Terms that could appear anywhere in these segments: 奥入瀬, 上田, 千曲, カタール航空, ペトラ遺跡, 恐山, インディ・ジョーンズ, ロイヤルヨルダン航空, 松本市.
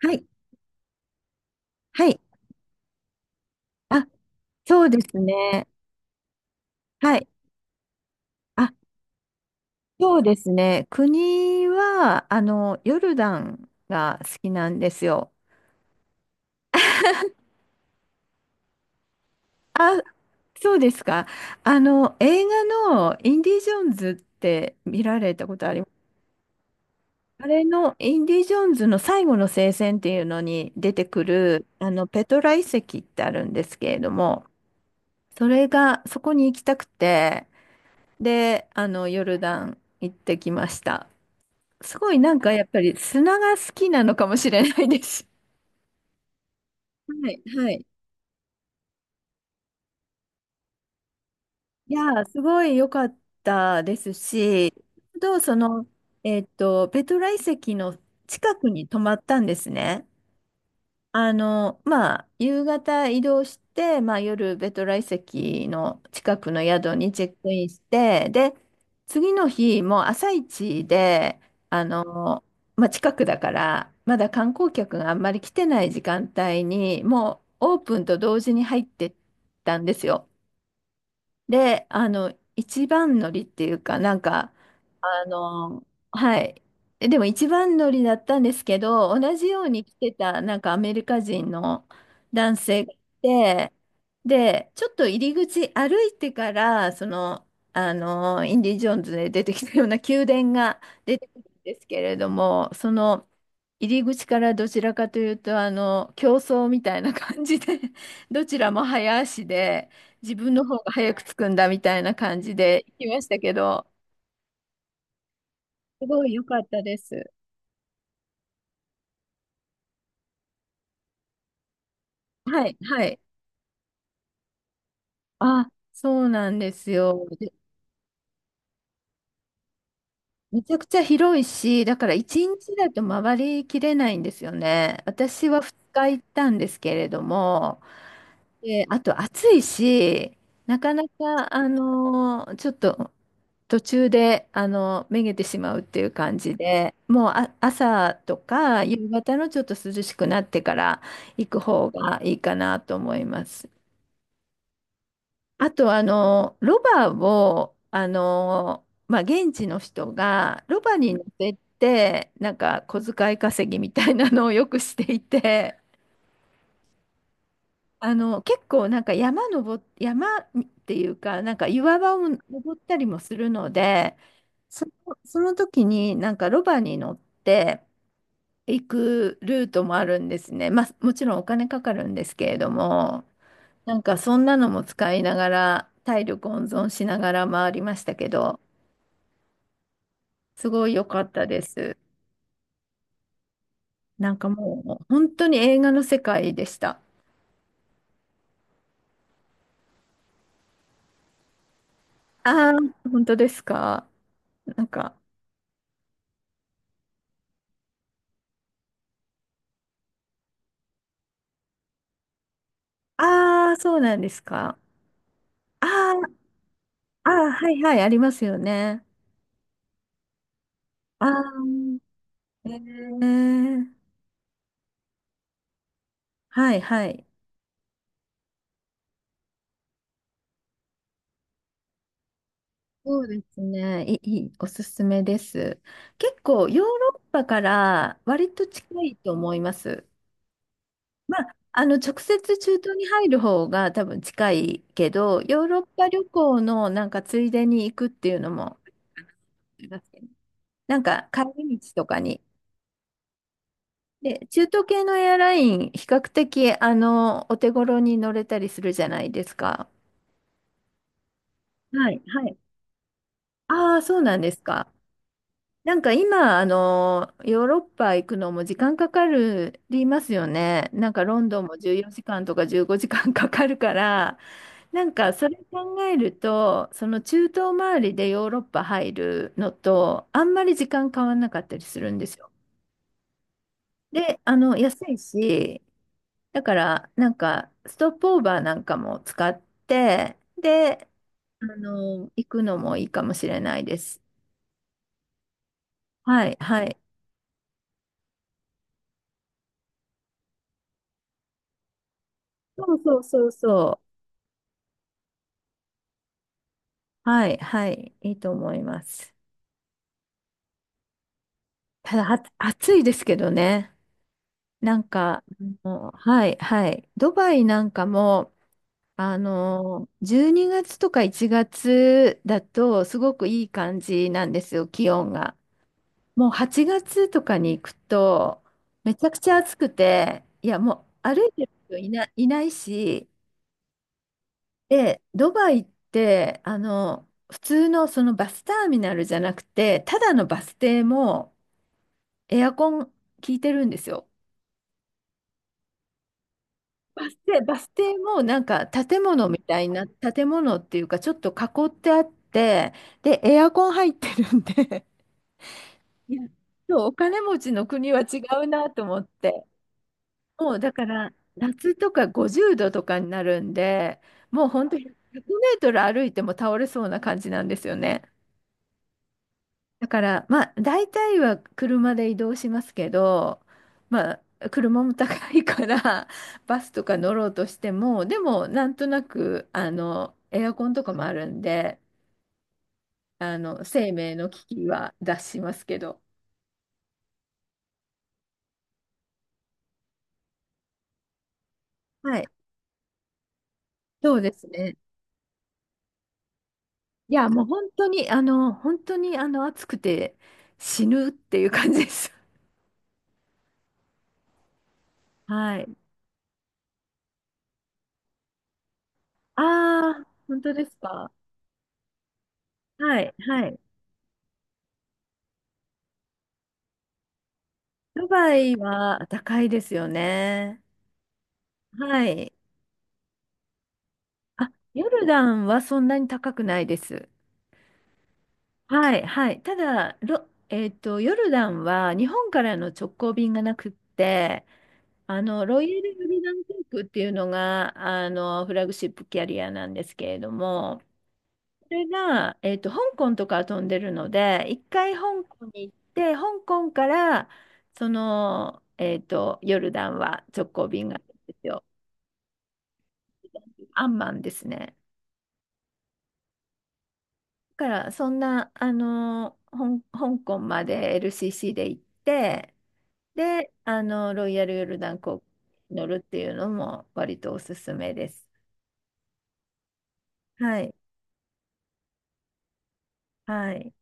はい。はい。あ、そうですね。はい。あ、そうですね。国は、あの、ヨルダンが好きなんですよ。あ、そうですか。あの、映画のインディ・ジョーンズって見られたことあります。あれのインディ・ジョーンズの最後の聖戦っていうのに出てくる、あの、ペトラ遺跡ってあるんですけれども、それが、そこに行きたくて、で、あの、ヨルダン行ってきました。すごいなんかやっぱり砂が好きなのかもしれないです。はい、はい。いやー、すごい良かったですし、あとその、ペトラ遺跡の近くに泊まったんですね。あの、まあ、夕方移動して、まあ、夜、ベトラ遺跡の近くの宿にチェックインして、で、次の日、もう朝一で、あの、まあ、近くだから、まだ観光客があんまり来てない時間帯に、もうオープンと同時に入ってったんですよ。で、あの、一番乗りっていうか、なんか、あの、はい。でも一番乗りだったんですけど、同じように来てた、なんかアメリカ人の男性がいて、で、ちょっと入り口歩いてから、その、あの、インディ・ジョーンズで出てきたような宮殿が出てくるんですけれども、その、入り口からどちらかというと、あの、競争みたいな感じで、どちらも早足で、自分の方が早く着くんだみたいな感じで行きましたけど、すごい良かったです。はい、はい。あ、そうなんですよ。で、めちゃくちゃ広いし、だから一日だと回りきれないんですよね。私は2日行ったんですけれども、で、あと暑いし、なかなか、ちょっと途中で、あのめげてしまうっていう感じで、もう朝とか夕方のちょっと涼しくなってから行く方がいいかなと思います。あと、あのロバを、あのまあ、現地の人がロバに乗せて、なんか小遣い稼ぎみたいなのをよくしていて、あの、結構なんか山っていうか、なんか岩場を登ったりもするので、その、その時になんかロバに乗って行くルートもあるんですね。まあ、もちろんお金かかるんですけれども、なんかそんなのも使いながら、体力温存しながら回りましたけど、すごい良かったです。なんかもう本当に映画の世界でした。ああ、本当ですか。なんか、ああ、そうなんですか。ああ。ああ、はいはい、ありますよね。ああ、えー、はいはい。そうですね。いい、いいおすすめです。結構、ヨーロッパから割と近いと思います。まあ、あの、直接中東に入る方が多分近いけど、ヨーロッパ旅行のなんかついでに行くっていうのも、なんか帰り道とかに。で、中東系のエアライン、比較的、あの、お手頃に乗れたりするじゃないですか。はい、はい。ああ、そうなんですか。なんか今、あの、ヨーロッパ行くのも時間かかるりますよね。なんかロンドンも14時間とか15時間かんかかるから、なんかそれ考えると、その中東周りでヨーロッパ入るのと、あんまり時間変わんなかったりするんですよ。で、あの、安いし、だからなんかストップオーバーなんかも使って、で、あの、行くのもいいかもしれないです。はい、はい。そうそうそうそう。はい、はい、いいと思います。ただ、あ、暑いですけどね。なんか、あの、はい、はい。ドバイなんかも、あの、12月とか1月だと、すごくいい感じなんですよ、気温が。もう8月とかに行くと、めちゃくちゃ暑くて、いや、もう歩いてる人いないし、で、ドバイって、あの、普通のそのバスターミナルじゃなくて、ただのバス停もエアコン効いてるんですよ。バス停、バス停もなんか建物みたいな、建物っていうかちょっと囲ってあって、で、エアコン入ってるんで。いや、そう、お金持ちの国は違うなと思って。もうだから夏とか50度とかになるんで、もう本当に100メートル歩いても倒れそうな感じなんですよね。だから、まあ、大体は車で移動しますけど、まあ、車も高いから、バスとか乗ろうとしても、でも、なんとなく、あの、エアコンとかもあるんで、あの、生命の危機は脱しますけど。はい。そうですね。いや、もう本当に、あの、本当に、あの、暑くて死ぬっていう感じです。はい。ああ、本当ですか。はい、はい。ドバイは高いですよね。はい。あ、ヨルダンはそんなに高くないです。はい、はい。ただ、ロ、えっと、ヨルダンは日本からの直行便がなくって、あの、ロイヤルヨルダン航空っていうのが、あの、フラグシップキャリアなんですけれども、それが、香港とか飛んでるので、一回香港に行って、香港から、その、ヨルダンは直行便があるんですよ。アンマンですね。だから、そんな、あの、香港まで LCC で行って、で、あの、ロイヤルヨルダン航空に乗るっていうのも割とおすすめです。はい、はい、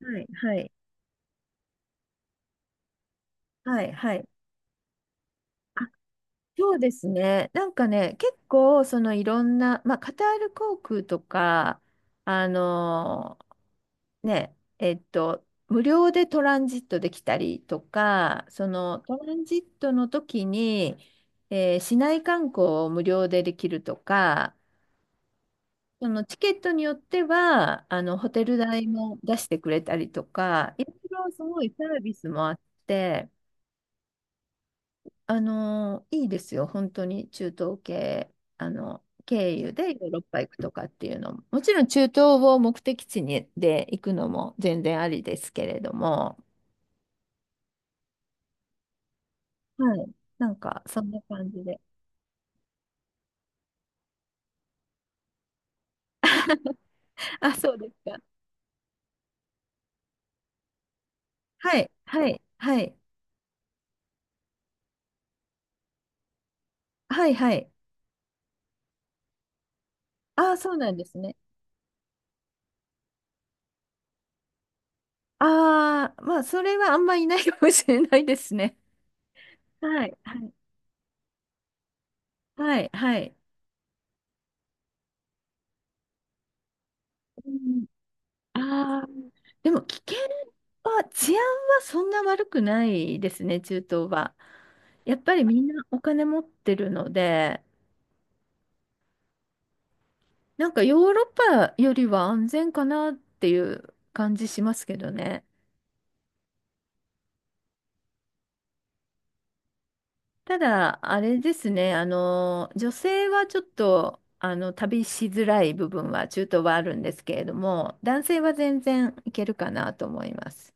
はい、はい、はい、はい。あ、そうですね。なんかね、結構、そのいろんな、まあ、カタール航空とか、あのね、無料でトランジットできたりとか、そのトランジットの時に、市内観光を無料でできるとか、そのチケットによっては、あの、ホテル代も出してくれたりとか、いろいろすごいサービスもあって、あの、いいですよ、本当に中東系、あの、経由でヨーロッパ行くとかっていうのも、もちろん中東を目的地にで行くのも全然ありですけれども、はい。なんか、そんな感じで。あ、そうですか。はい、はい、はい、はい、はい。ああ、そうなんですね。ああ、まあ、それはあんまいないかもしれないですね。はい、はい、はい、はい。うん、ああ、でも危険は、治安はそんな悪くないですね、中東は。やっぱりみんなお金持ってるので、なんかヨーロッパよりは安全かなっていう感じしますけどね。ただ、あれですね、あの、女性はちょっと、あの、旅しづらい部分は、中東はあるんですけれども、男性は全然いけるかなと思います。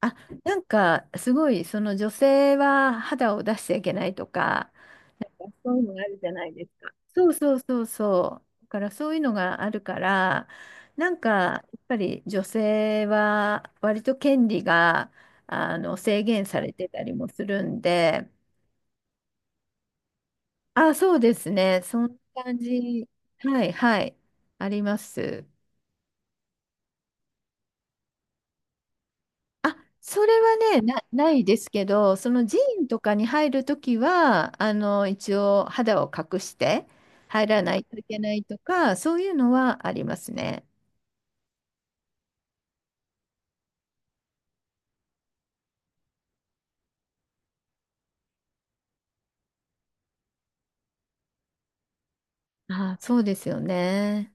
あ、なんか、すごい、その女性は肌を出しちゃいけないとか、そういうのがあるじゃないですか。そうそうそうそう。だからそういうのがあるから、なんか、やっぱり女性は割と権利が、あの、制限されてたりもするんで、あ、そうですね。そんな感じ。はい、はい。あります。あ、それはね、ないですけど、その寺院とかに入るときは、あの、一応肌を隠して入らないといけないとか、そういうのはありますね。あ、そうですよね。